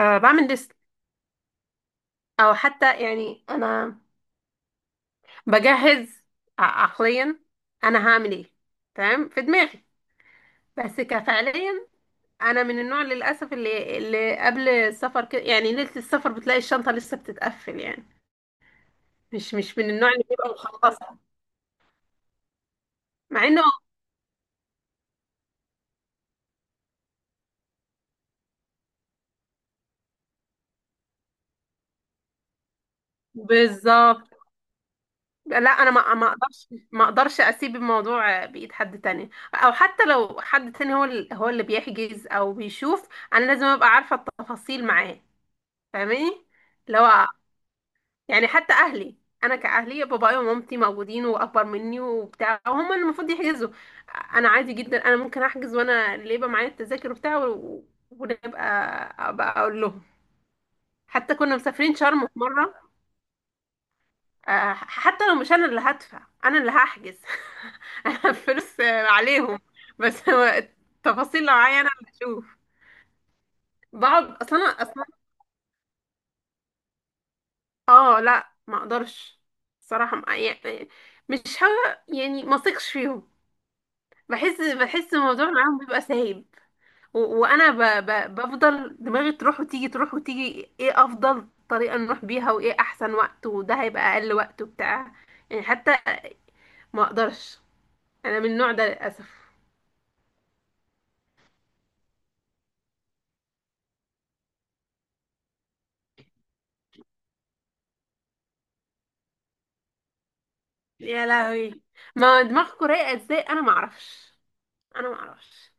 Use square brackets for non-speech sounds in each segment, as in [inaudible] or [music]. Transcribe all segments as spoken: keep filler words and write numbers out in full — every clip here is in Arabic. أه، بعمل ليست. او حتى يعني انا بجهز ع- عقليا انا هعمل ايه تمام في دماغي. بس كفعليا انا من النوع للاسف اللي اللي قبل السفر كده، يعني ليله السفر بتلاقي الشنطه لسه بتتقفل يعني. مش مش من النوع اللي بيبقى مخلصه مع انه، بالظبط. لا، انا ما ما اقدرش ما اقدرش اسيب الموضوع بايد حد تاني، او حتى لو حد تاني هو ال- هو اللي بيحجز او بيشوف. انا لازم ابقى عارفه التفاصيل معاه، فاهماني؟ اللي هو يعني حتى اهلي، انا كاهلي بابايا ومامتي موجودين واكبر مني وبتاع، وهم اللي المفروض يحجزوا. انا عادي جدا، انا ممكن احجز، وانا اللي يبقى معايا التذاكر وبتاع و- ونبقى ابقى اقول لهم. حتى كنا مسافرين شرم في مره، آه، حتى لو مش انا اللي هدفع انا اللي هحجز. [laughs] انا الفلوس آه، عليهم. بس هو التفاصيل لو معايا انا اللي اشوف. بقعد اصلا انا. اه لا، ما اقدرش. صراحة ما- يعني، مش ها يعني ما اثقش فيهم. بحس بحس الموضوع معاهم بيبقى سايب. و- وانا ب ب بفضل دماغي تروح وتيجي، تروح وتيجي، ايه افضل طريقة نروح بيها، وايه احسن وقت، وده هيبقى اقل وقت وبتاع. يعني حتى، ما اقدرش. انا من النوع ده للاسف. يا لهوي، ما دماغكوا رايقة ازاي، انا ما اعرفش. انا ما اعرفش.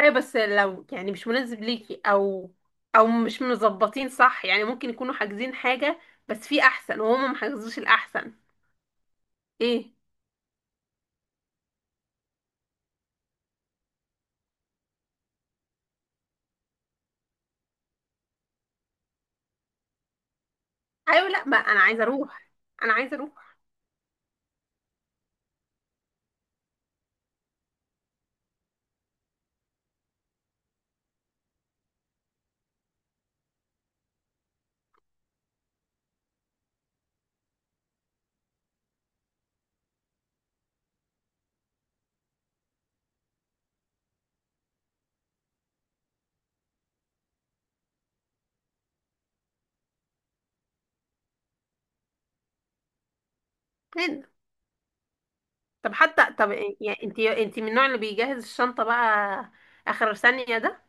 ايوه، بس لو يعني مش مناسب ليكي، او او مش مظبطين صح، يعني ممكن يكونوا حاجزين حاجة بس في احسن، وهما ما حجزوش الاحسن. ايه. ايوه، لا، ما انا عايزة اروح، انا عايزة اروح. هنا. طب حتى طب إيه- يعني، انتي انتي من النوع اللي بيجهز الشنطة بقى اخر ثانية ده؟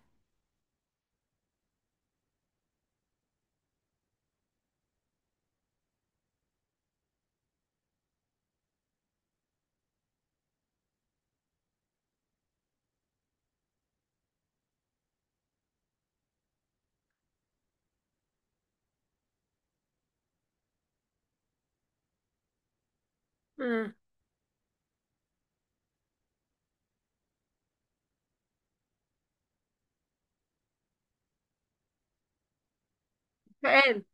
امم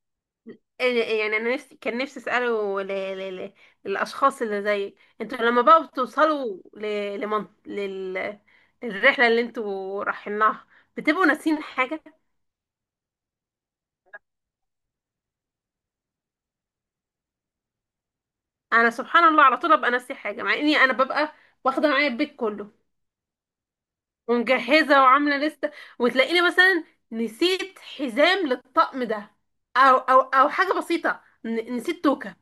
إيه، إيه، يعني انا نفسي، كان نفسي اساله ل... ل... ل... للاشخاص اللي زيك انتوا. لما بقى بتوصلوا ل... لمن... لل... للرحله اللي انتوا رايحين لها، بتبقوا ناسيين حاجه؟ انا سبحان الله على طول ابقى ناسي حاجه، مع اني انا ببقى واخده معايا البيت كله، ومجهزه وعامله لسته. وتلاقيني مثلا نسيت حزام للطقم ده، او او او حاجه بسيطه، ن... نسيت توكه.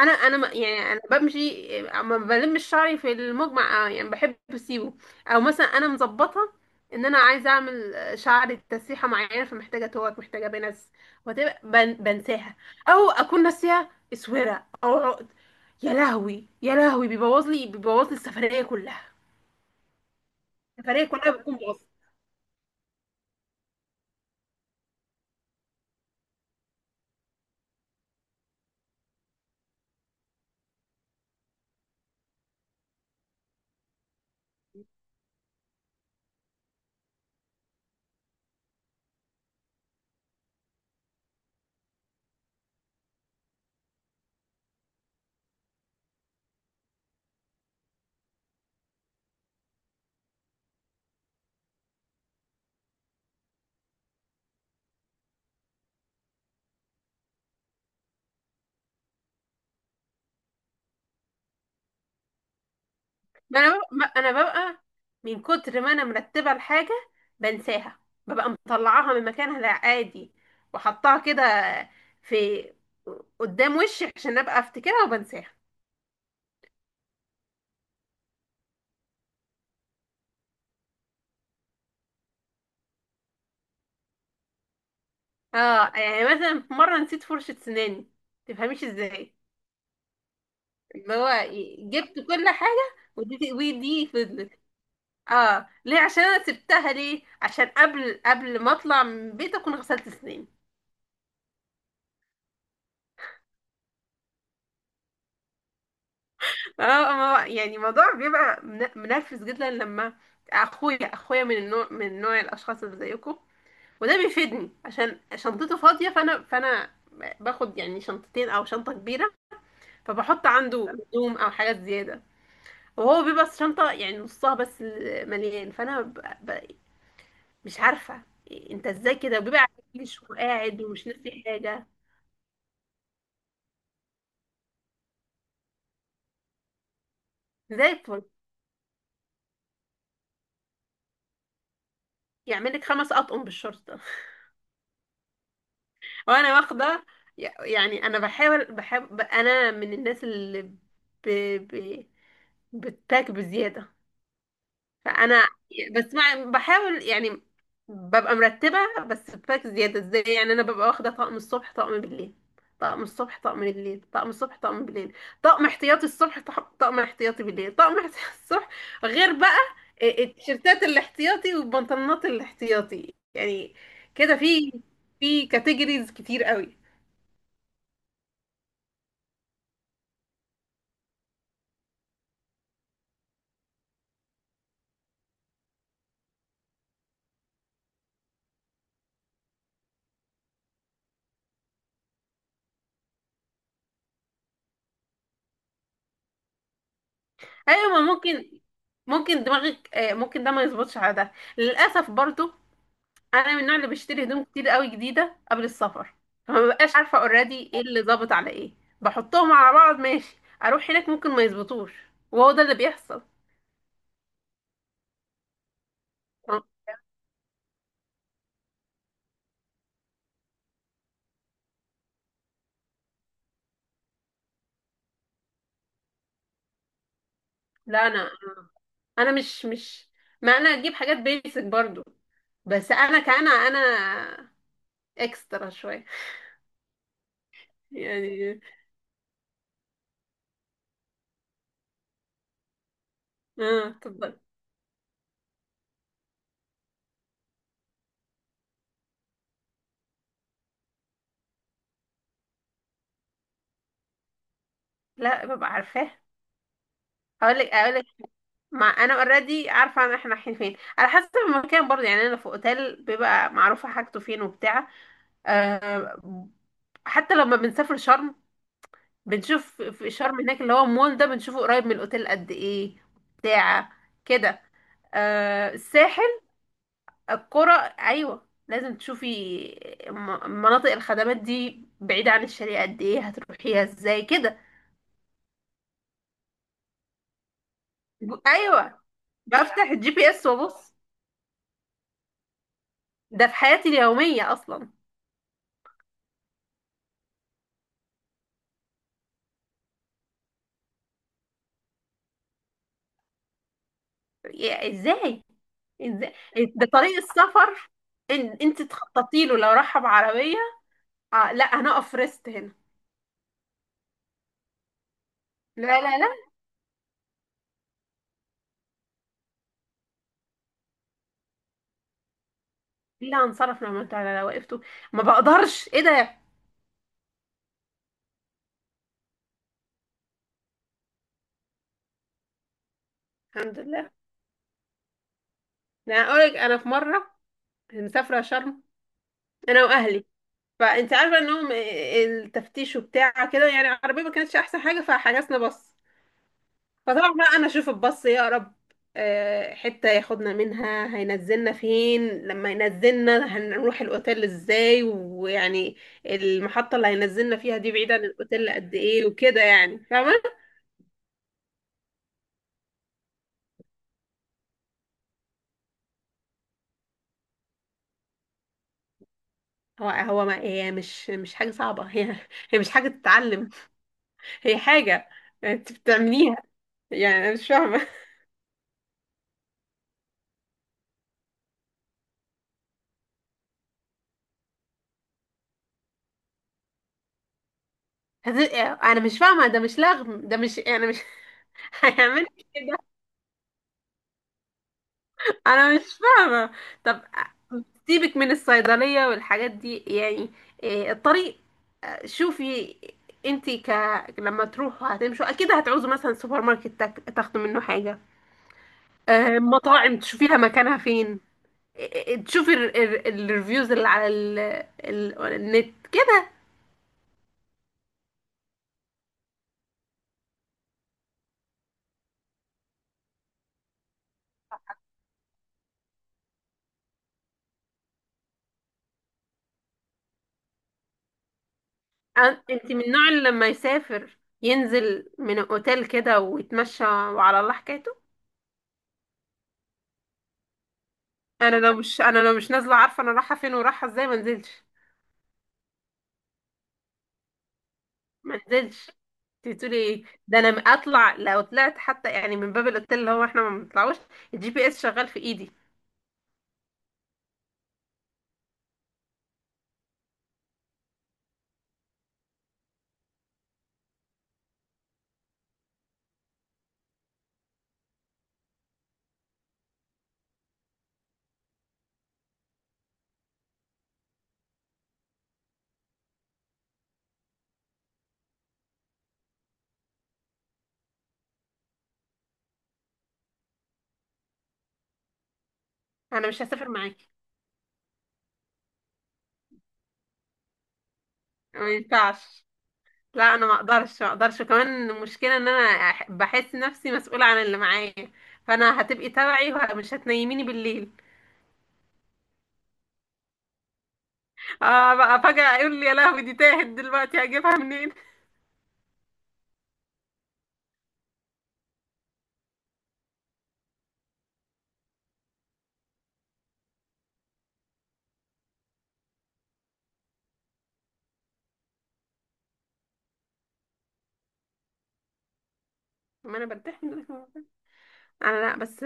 انا انا ما- يعني انا بمشي، ما بلمش شعري في المجمع، آه، يعني بحب اسيبه. او مثلا انا مظبطه ان انا عايزه اعمل شعري تسريحه معينه، فمحتاجه توك، محتاجه بنس، وتبقى بن بنساها. او اكون ناسيه اسوره او عقد. يا لهوي يا لهوي، بيبوظ لي بيبوظ لي السفريه كلها. السفريه كلها بتكون باظت. ما انا ببقى ما انا ببقى من كتر ما انا مرتبه الحاجه بنساها. ببقى مطلعاها من مكانها العادي وحطاها كده في قدام وشي عشان ابقى افتكرها، وبنساها. اه، يعني مثلا في مره نسيت فرشه سناني، تفهميش ازاي؟ اللي هو جبت كل حاجه، ودي ودي فضلت. اه. ليه؟ عشان انا سبتها. ليه؟ عشان قبل قبل ما اطلع من البيت اكون غسلت سناني. اه. ما- يعني الموضوع بيبقى من- منرفز جدا. لما اخويا اخويا من النوع، من نوع الاشخاص اللي زيكم، وده بيفيدني عشان شنطته فاضيه، فانا فانا باخد يعني شنطتين او شنطه كبيره، فبحط عنده هدوم او حاجات زياده، وهو بيبقى الشنطه يعني نصها بس مليان. فانا ب... ب... مش عارفه انت ازاي كده، وبيبقى عايش وقاعد ومش ناسي حاجه، زي الفل. يعمل لك خمس اطقم بالشرطه، وانا واخده يعني. انا بحاول، بحب، انا من الناس اللي ب... ب... بتباك بزياده. فانا بس مع... بحاول يعني ببقى مرتبه، بس بباك زياده. ازاي يعني؟ انا ببقى واخده طقم الصبح طقم بالليل، طقم الصبح طقم بالليل، طقم الصبح طقم بالليل، طقم احتياطي الصبح، طق- طقم احتياطي بالليل، طقم احتياطي [laughs] الصبح. غير بقى ال- التيشيرتات الاحتياطي والبنطلونات الاحتياطي يعني. كده في في كاتيجوريز كتير قوي. ايوه، ما ممكن، ممكن دماغك، آه، ممكن ده ما يظبطش على ده للاسف برضو. انا من النوع اللي بشتري هدوم كتير قوي جديده قبل السفر، فما ببقاش عارفه اوريدي ايه اللي ظابط على ايه. بحطهم على بعض ماشي، اروح هناك ممكن ما يظبطوش، وهو ده اللي بيحصل. آه، لا، انا انا مش مش ما انا اجيب حاجات بيسك برضو. بس انا كان انا اكسترا شويه. [laughs] يعني اه، اتفضل. لا ببقى عارفاه. اقول لك، اقول ما انا اوريدي عارفه ان احنا رايحين فين، على حسب المكان برضه. يعني انا في اوتيل بيبقى معروفه حاجته فين وبتاع. أه، حتى لما بنسافر شرم، بنشوف في شرم هناك، اللي هو المول ده بنشوفه قريب من الاوتيل قد ايه، بتاع كده. أه، الساحل، القرى، ايوه لازم تشوفي م- مناطق الخدمات دي بعيده عن الشارع قد ايه، هتروحيها ازاي كده. جو- ايوه، بفتح الجي بي اس وابص. ده في حياتي اليوميه اصلا. يا- ازاي؟ ازاي ده طريق السفر ان انت تخططي له لو راح بعربيه؟ آه لا، هنقف ريست هنا. لا لا لا. لا، هنصرف لما انتوا على لو وقفتوا؟ ما بقدرش، ايه ده. الحمد لله. يعني انا اقولك، انا في مره مسافره شرم، انا واهلي، فانت عارفه انهم، آه، آه، التفتيش وبتاع كده، يعني العربيه ما كانتش احسن حاجه فحجزنا بس. فطبعا بقى انا اشوف الباص يا رب، آه، حتة ياخدنا منها، هينزلنا فين. لما ينزلنا هنروح الاوتيل ازاي، ويعني المحطة اللي هينزلنا فيها دي بعيدة عن الاوتيل قد ايه وكده، يعني فاهمة. هو هو ما هي مش مش حاجة صعبة. هي هي مش حاجة تتعلم، هي حاجة انت بتعمليها. يعني انا مش فاهمة. [laughs] هت- انا مش فاهمة، ده مش لغم، ده مش يعني مش [laughs] هيعمل. انا مش فاهمة. طب سيبك من الصيدلية والحاجات دي يعني، إيه الطريق. شوفي، انت ك... لما تروحوا هتمشوا اكيد هتعوزوا مثلا سوبر ماركت تاك- تاخدوا منه حاجة. آه، مطاعم تشوفيها مكانها فين. إيه، إيه، تشوفي ال- ال- الريفيوز اللي على ال... ال... النت كده. أن- انت من النوع اللي لما يسافر ينزل من اوتيل كده ويتمشى وعلى الله حكايته؟ انا لو مش انا لو مش نازله عارفه انا رايحه فين ورايحه ازاي، ما نزلتش. ما انزلش. انت بتقولي ايه ده؟ انا اطلع؟ لو طلعت حتى يعني من باب الاوتيل، اللي هو احنا ما بنطلعوش، الجي بي اس شغال في ايدي. انا مش هسافر معاكي. ما ينفعش. لا انا ما اقدرش ما اقدرش. وكمان المشكله ان انا أح- بحس نفسي مسؤوله عن اللي معايا. فانا هتبقي تبعي ومش هتنيميني بالليل. اه بقى فجاه يقول لي يا لهوي دي تاهت دلوقتي هجيبها منين. ما انا برتاح من دلوقتي. انا، لا بس،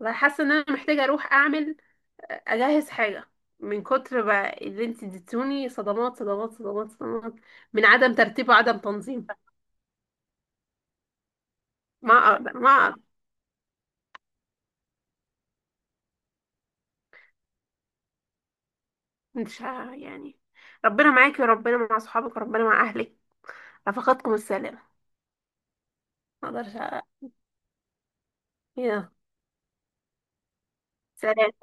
والله حاسه ان انا محتاجه اروح اعمل، اجهز حاجه، من كتر بقى اللي انت اديتوني صدمات صدمات صدمات صدمات من عدم ترتيب وعدم تنظيم. ما اقدر ما اقدر. مش ه- يعني، ربنا معاكي وربنا مع صحابك وربنا مع اهلك، رفقاتكم السلام. ما اقدرش أ- يا سلام.